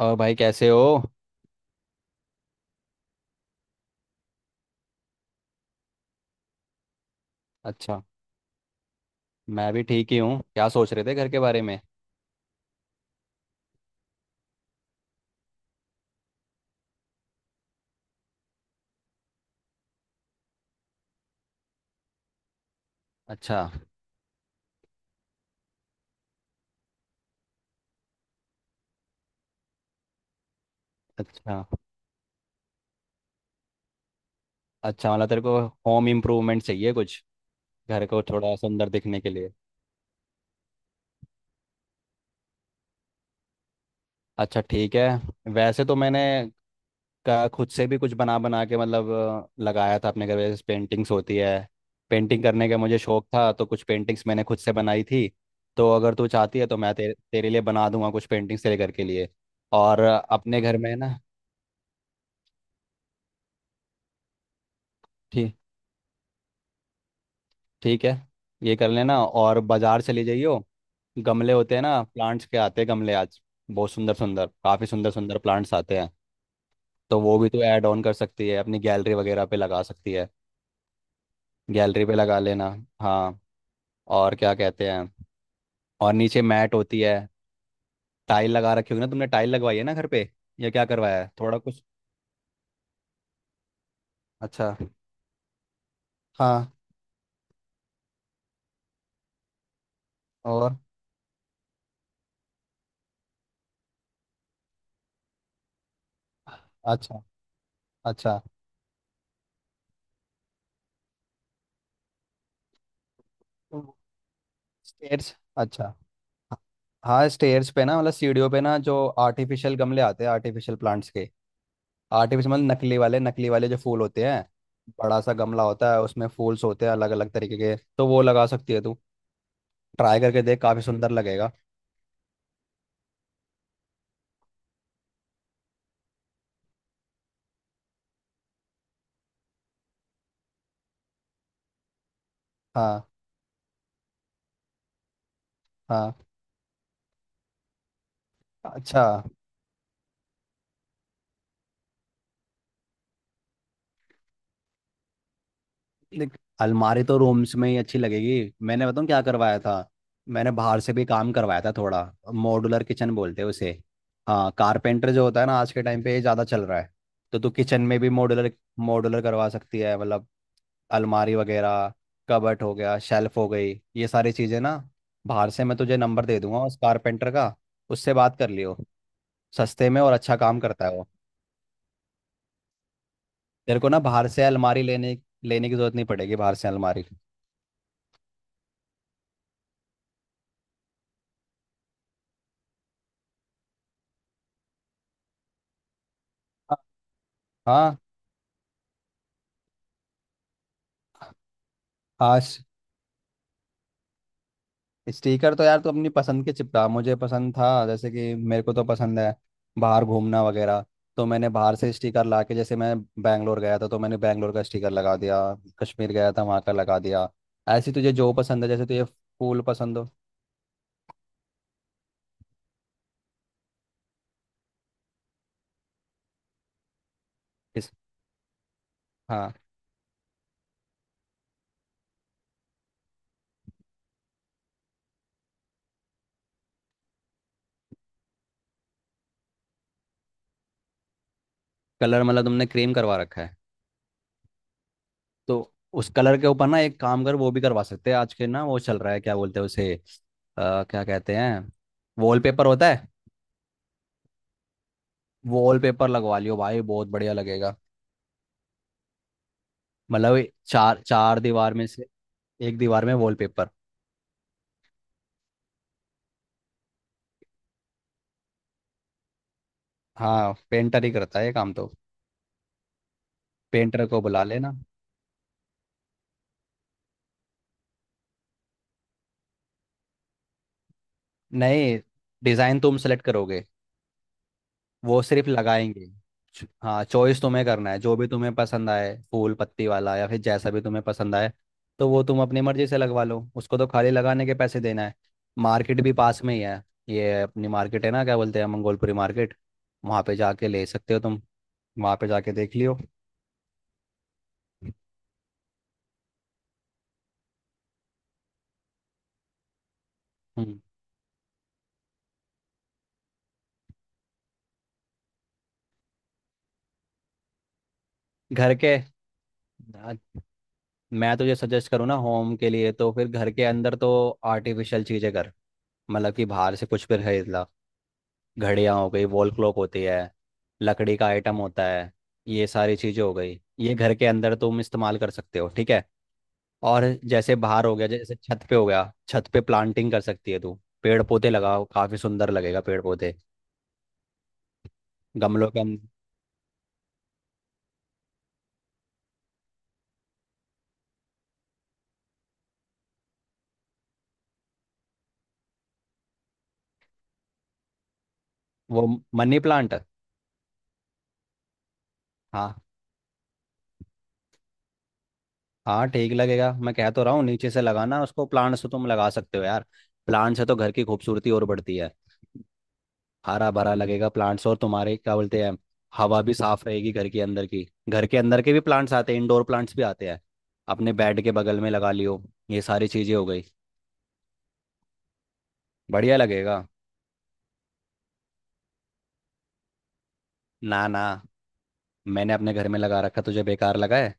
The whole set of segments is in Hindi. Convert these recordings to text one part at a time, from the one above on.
और भाई कैसे हो। अच्छा। मैं भी ठीक ही हूँ। क्या सोच रहे थे घर के बारे में? अच्छा। अच्छा। अच्छा मतलब तेरे को होम इम्प्रूवमेंट चाहिए कुछ, घर को थोड़ा सुंदर दिखने के लिए। अच्छा ठीक है। वैसे तो मैंने का खुद से भी कुछ बना बना के मतलब लगाया था अपने घर में, जैसे पेंटिंग्स होती है। पेंटिंग करने का मुझे शौक था, तो कुछ पेंटिंग्स मैंने खुद से बनाई थी। तो अगर तू चाहती है तो मैं तेरे तेरे लिए बना दूंगा कुछ पेंटिंग्स तेरे घर के लिए। और अपने घर में ना। ठीक ठीक है, ये कर लेना और बाजार चले जाइयो। गमले होते हैं ना, प्लांट्स के आते हैं गमले आज। बहुत सुंदर सुंदर, काफ़ी सुंदर सुंदर प्लांट्स आते हैं। तो वो भी तो ऐड ऑन कर सकती है, अपनी गैलरी वगैरह पे लगा सकती है। गैलरी पे लगा लेना। हाँ। और क्या कहते हैं, और नीचे मैट होती है। टाइल लगा रखी होगी ना, तुमने टाइल लगवाई है ना घर पे, या क्या करवाया है थोड़ा कुछ? अच्छा। हाँ। और अच्छा, अच्छा। स्टेयर्स। अच्छा। हाँ स्टेयर्स पे ना, मतलब सीढ़ियों पे ना, जो आर्टिफिशियल गमले आते हैं, आर्टिफिशियल प्लांट्स के। आर्टिफिशियल मतलब नकली वाले, नकली वाले जो फूल होते हैं। बड़ा सा गमला होता है, उसमें फूल्स होते हैं अलग अलग तरीके के, तो वो लगा सकती है तू। ट्राई करके देख, काफी सुंदर लगेगा। हाँ, हाँ। अच्छा, देख अलमारी तो रूम्स में ही अच्छी लगेगी। मैंने बताऊँ क्या करवाया था? मैंने बाहर से भी काम करवाया था थोड़ा। मॉड्यूलर किचन बोलते हैं उसे। हाँ, कारपेंटर जो होता है ना, आज के टाइम पे ये ज़्यादा चल रहा है। तो तू किचन में भी मॉड्यूलर मॉड्यूलर करवा सकती है, मतलब अलमारी वगैरह, कबट हो गया, शेल्फ हो गई, ये सारी चीज़ें ना बाहर से। मैं तुझे नंबर दे दूंगा उस कारपेंटर का, उससे बात कर लियो। सस्ते में और अच्छा काम करता है वो। तेरे को ना बाहर से अलमारी लेने लेने की जरूरत नहीं पड़ेगी, बाहर से अलमारी। हाँ। आज स्टिकर तो यार तू अपनी पसंद के चिपका। मुझे पसंद था, जैसे कि मेरे को तो पसंद है बाहर घूमना वगैरह, तो मैंने बाहर से स्टिकर ला के, जैसे मैं बैंगलोर गया था तो मैंने बैंगलोर का स्टिकर लगा दिया, कश्मीर गया था वहाँ का लगा दिया। ऐसे तुझे जो पसंद है, जैसे तुझे फूल पसंद हो। किस? हाँ। कलर मतलब तुमने क्रीम करवा रखा है। तो उस कलर के ऊपर ना एक काम कर, वो भी करवा सकते हैं आज के, ना वो चल रहा है, क्या बोलते हैं उसे क्या कहते हैं, वॉलपेपर होता है। वॉलपेपर लगवा लियो भाई, बहुत बढ़िया लगेगा। मतलब ये चार चार दीवार में से एक दीवार में वॉलपेपर। हाँ, पेंटर ही करता है ये काम तो। पेंटर को बुला लेना। नहीं, डिजाइन तुम सेलेक्ट करोगे, वो सिर्फ लगाएंगे। हाँ चॉइस तुम्हें करना है, जो भी तुम्हें पसंद आए, फूल पत्ती वाला या फिर जैसा भी तुम्हें पसंद आए। तो वो तुम अपनी मर्जी से लगवा लो, उसको तो खाली लगाने के पैसे देना है। मार्केट भी पास में ही है। ये अपनी मार्केट है ना, क्या बोलते हैं, मंगोलपुरी मार्केट। वहाँ पे जाके ले सकते हो तुम, वहाँ पे जाके देख लियो। हम्म। घर के, मैं तुझे सजेस्ट करूँ ना होम के लिए, तो फिर घर के अंदर तो आर्टिफिशियल चीज़ें कर। मतलब कि बाहर से कुछ भी खरीद ला। घड़ियाँ हो गई, वॉल क्लॉक होती है, लकड़ी का आइटम होता है, ये सारी चीज़ें हो गई, ये घर के अंदर तुम इस्तेमाल कर सकते हो ठीक है। और जैसे बाहर हो गया, जैसे छत पे हो गया, छत पे प्लांटिंग कर सकती है तू। पेड़ पौधे लगाओ, काफ़ी सुंदर लगेगा, पेड़ पौधे गमलों के अंदर। वो मनी प्लांट। हाँ हाँ ठीक लगेगा, मैं कह तो रहा हूँ नीचे से लगाना उसको। प्लांट से तुम लगा सकते हो यार, प्लांट से तो घर की खूबसूरती और बढ़ती है। हरा भरा लगेगा प्लांट्स, और तुम्हारे क्या बोलते हैं, हवा भी साफ रहेगी घर के अंदर की। घर के अंदर के भी प्लांट्स आते हैं, इंडोर प्लांट्स भी आते हैं, अपने बेड के बगल में लगा लियो। ये सारी चीजें हो गई, बढ़िया लगेगा। ना ना, मैंने अपने घर में लगा रखा, तुझे बेकार लगा है?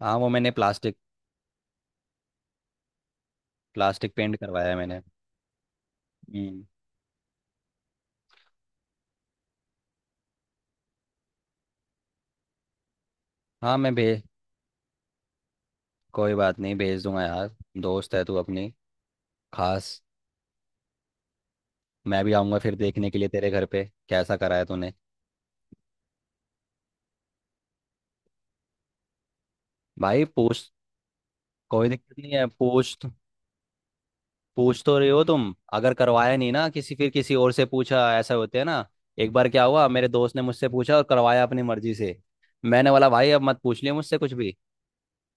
हाँ वो मैंने प्लास्टिक, प्लास्टिक पेंट करवाया है मैंने। हम्म। हाँ मैं भेज, कोई बात नहीं भेज दूंगा यार। दोस्त है तू अपनी खास। मैं भी आऊंगा फिर देखने के लिए तेरे घर पे, कैसा कराया तूने। भाई पूछ, कोई दिक्कत नहीं है। पूछ तो रहे हो तुम, अगर करवाया नहीं ना किसी, फिर किसी और से पूछा, ऐसा होते है ना। एक बार क्या हुआ, मेरे दोस्त ने मुझसे पूछा और करवाया अपनी मर्जी से। मैंने बोला भाई अब मत पूछ लियो मुझसे कुछ भी।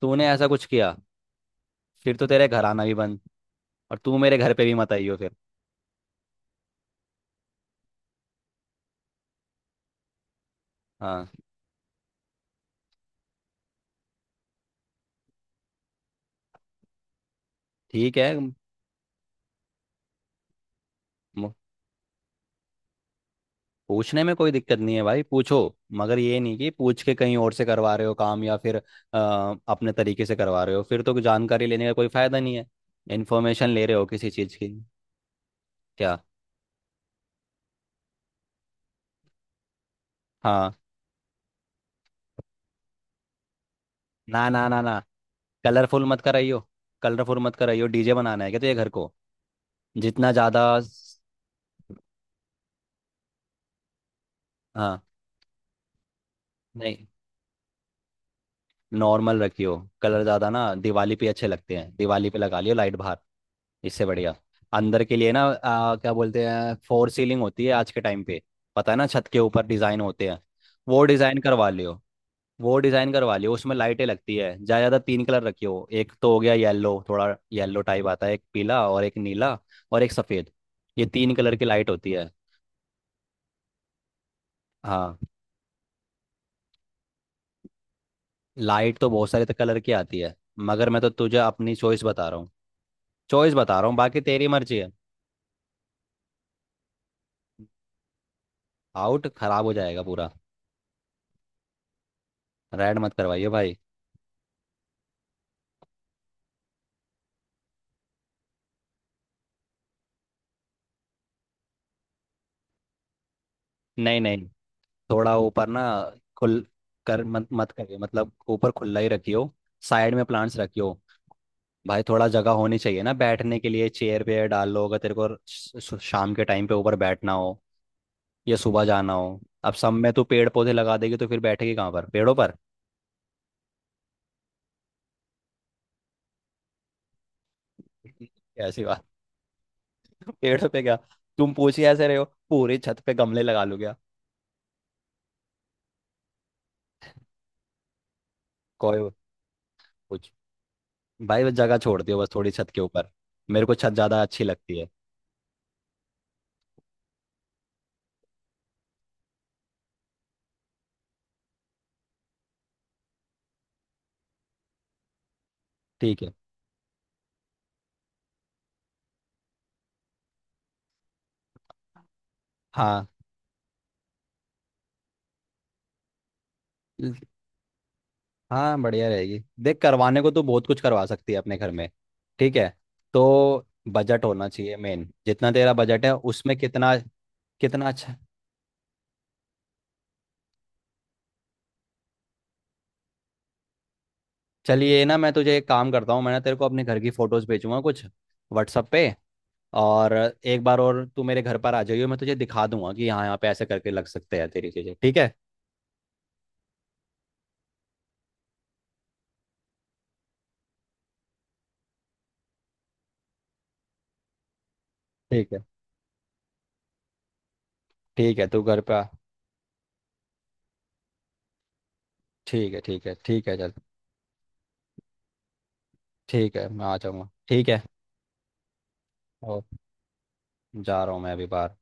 तूने ऐसा कुछ किया, फिर तो तेरे घर आना भी बंद, और तू मेरे घर पे भी मत आइयो फिर। हाँ ठीक है, पूछने में कोई दिक्कत नहीं है भाई, पूछो। मगर ये नहीं कि पूछ के कहीं और से करवा रहे हो काम, या फिर अपने तरीके से करवा रहे हो, फिर तो जानकारी लेने का कोई फायदा नहीं है। इन्फॉर्मेशन ले रहे हो किसी चीज़ की। क्या? हाँ। ना ना ना ना, कलरफुल मत कराइयो। कलरफुल मत कराइयो, डीजे बनाना है क्या तो ये घर को, जितना ज़्यादा हाँ। नहीं, नॉर्मल रखियो। कलर ज़्यादा ना दिवाली पे अच्छे लगते हैं, दिवाली पे लगा लियो लाइट बाहर। इससे बढ़िया अंदर के लिए ना क्या बोलते हैं, फोर सीलिंग होती है आज के टाइम पे, पता है ना, छत के ऊपर डिजाइन होते हैं। वो डिजाइन करवा लियो, वो डिजाइन करवा लियो, उसमें लाइटें लगती है। ज्यादा ज्यादा तीन कलर रखियो। एक तो हो गया येलो, थोड़ा येलो टाइप आता है, एक पीला और एक नीला, और एक सफेद। ये तीन कलर की लाइट होती है। हाँ, लाइट तो बहुत सारे तो कलर की आती है, मगर मैं तो तुझे अपनी चॉइस बता रहा हूँ। चॉइस बता रहा हूँ, बाकी तेरी मर्जी है। आउट खराब हो जाएगा पूरा, रेड मत करवाइए भाई। नहीं नहीं, थोड़ा ऊपर ना खुल कर मत मत करिए, मतलब ऊपर खुला ही रखियो। साइड में प्लांट्स रखियो। भाई थोड़ा जगह होनी चाहिए ना बैठने के लिए, चेयर पे डाल लो, अगर तेरे को शाम के टाइम पे ऊपर बैठना हो या सुबह जाना हो। अब सब में तू पेड़ पौधे लगा देगी तो फिर बैठेगी कहाँ पर, पेड़ों पर? ऐसी बात, पेड़ों पे क्या, तुम पूछिए ऐसे रहे हो, पूरी छत पे गमले लगा लो क्या? कोई कुछ, भाई बस जगह छोड़ दियो बस थोड़ी छत के ऊपर। मेरे को छत ज्यादा अच्छी लगती है। ठीक है। हाँ हाँ बढ़िया रहेगी, देख करवाने को तो बहुत कुछ करवा सकती है अपने घर में। ठीक है, तो बजट होना चाहिए मेन, जितना तेरा बजट है उसमें कितना, कितना अच्छा। चलिए ना, मैं तुझे एक काम करता हूँ, मैं ना तेरे को अपने घर की फोटोज भेजूंगा कुछ व्हाट्सअप पे। और एक बार और तू मेरे घर पर आ जाइयो, मैं तुझे दिखा दूंगा कि यहाँ यहाँ पे ऐसे करके लग सकते हैं तेरी चीज़ें, ठीक है। ठीक है, ठीक है, तू घर पे आ। ठीक है, ठीक है, ठीक है चल। ठीक है, मैं आ जाऊँगा, ठीक है। ओ, जा रहा हूँ मैं अभी बाहर।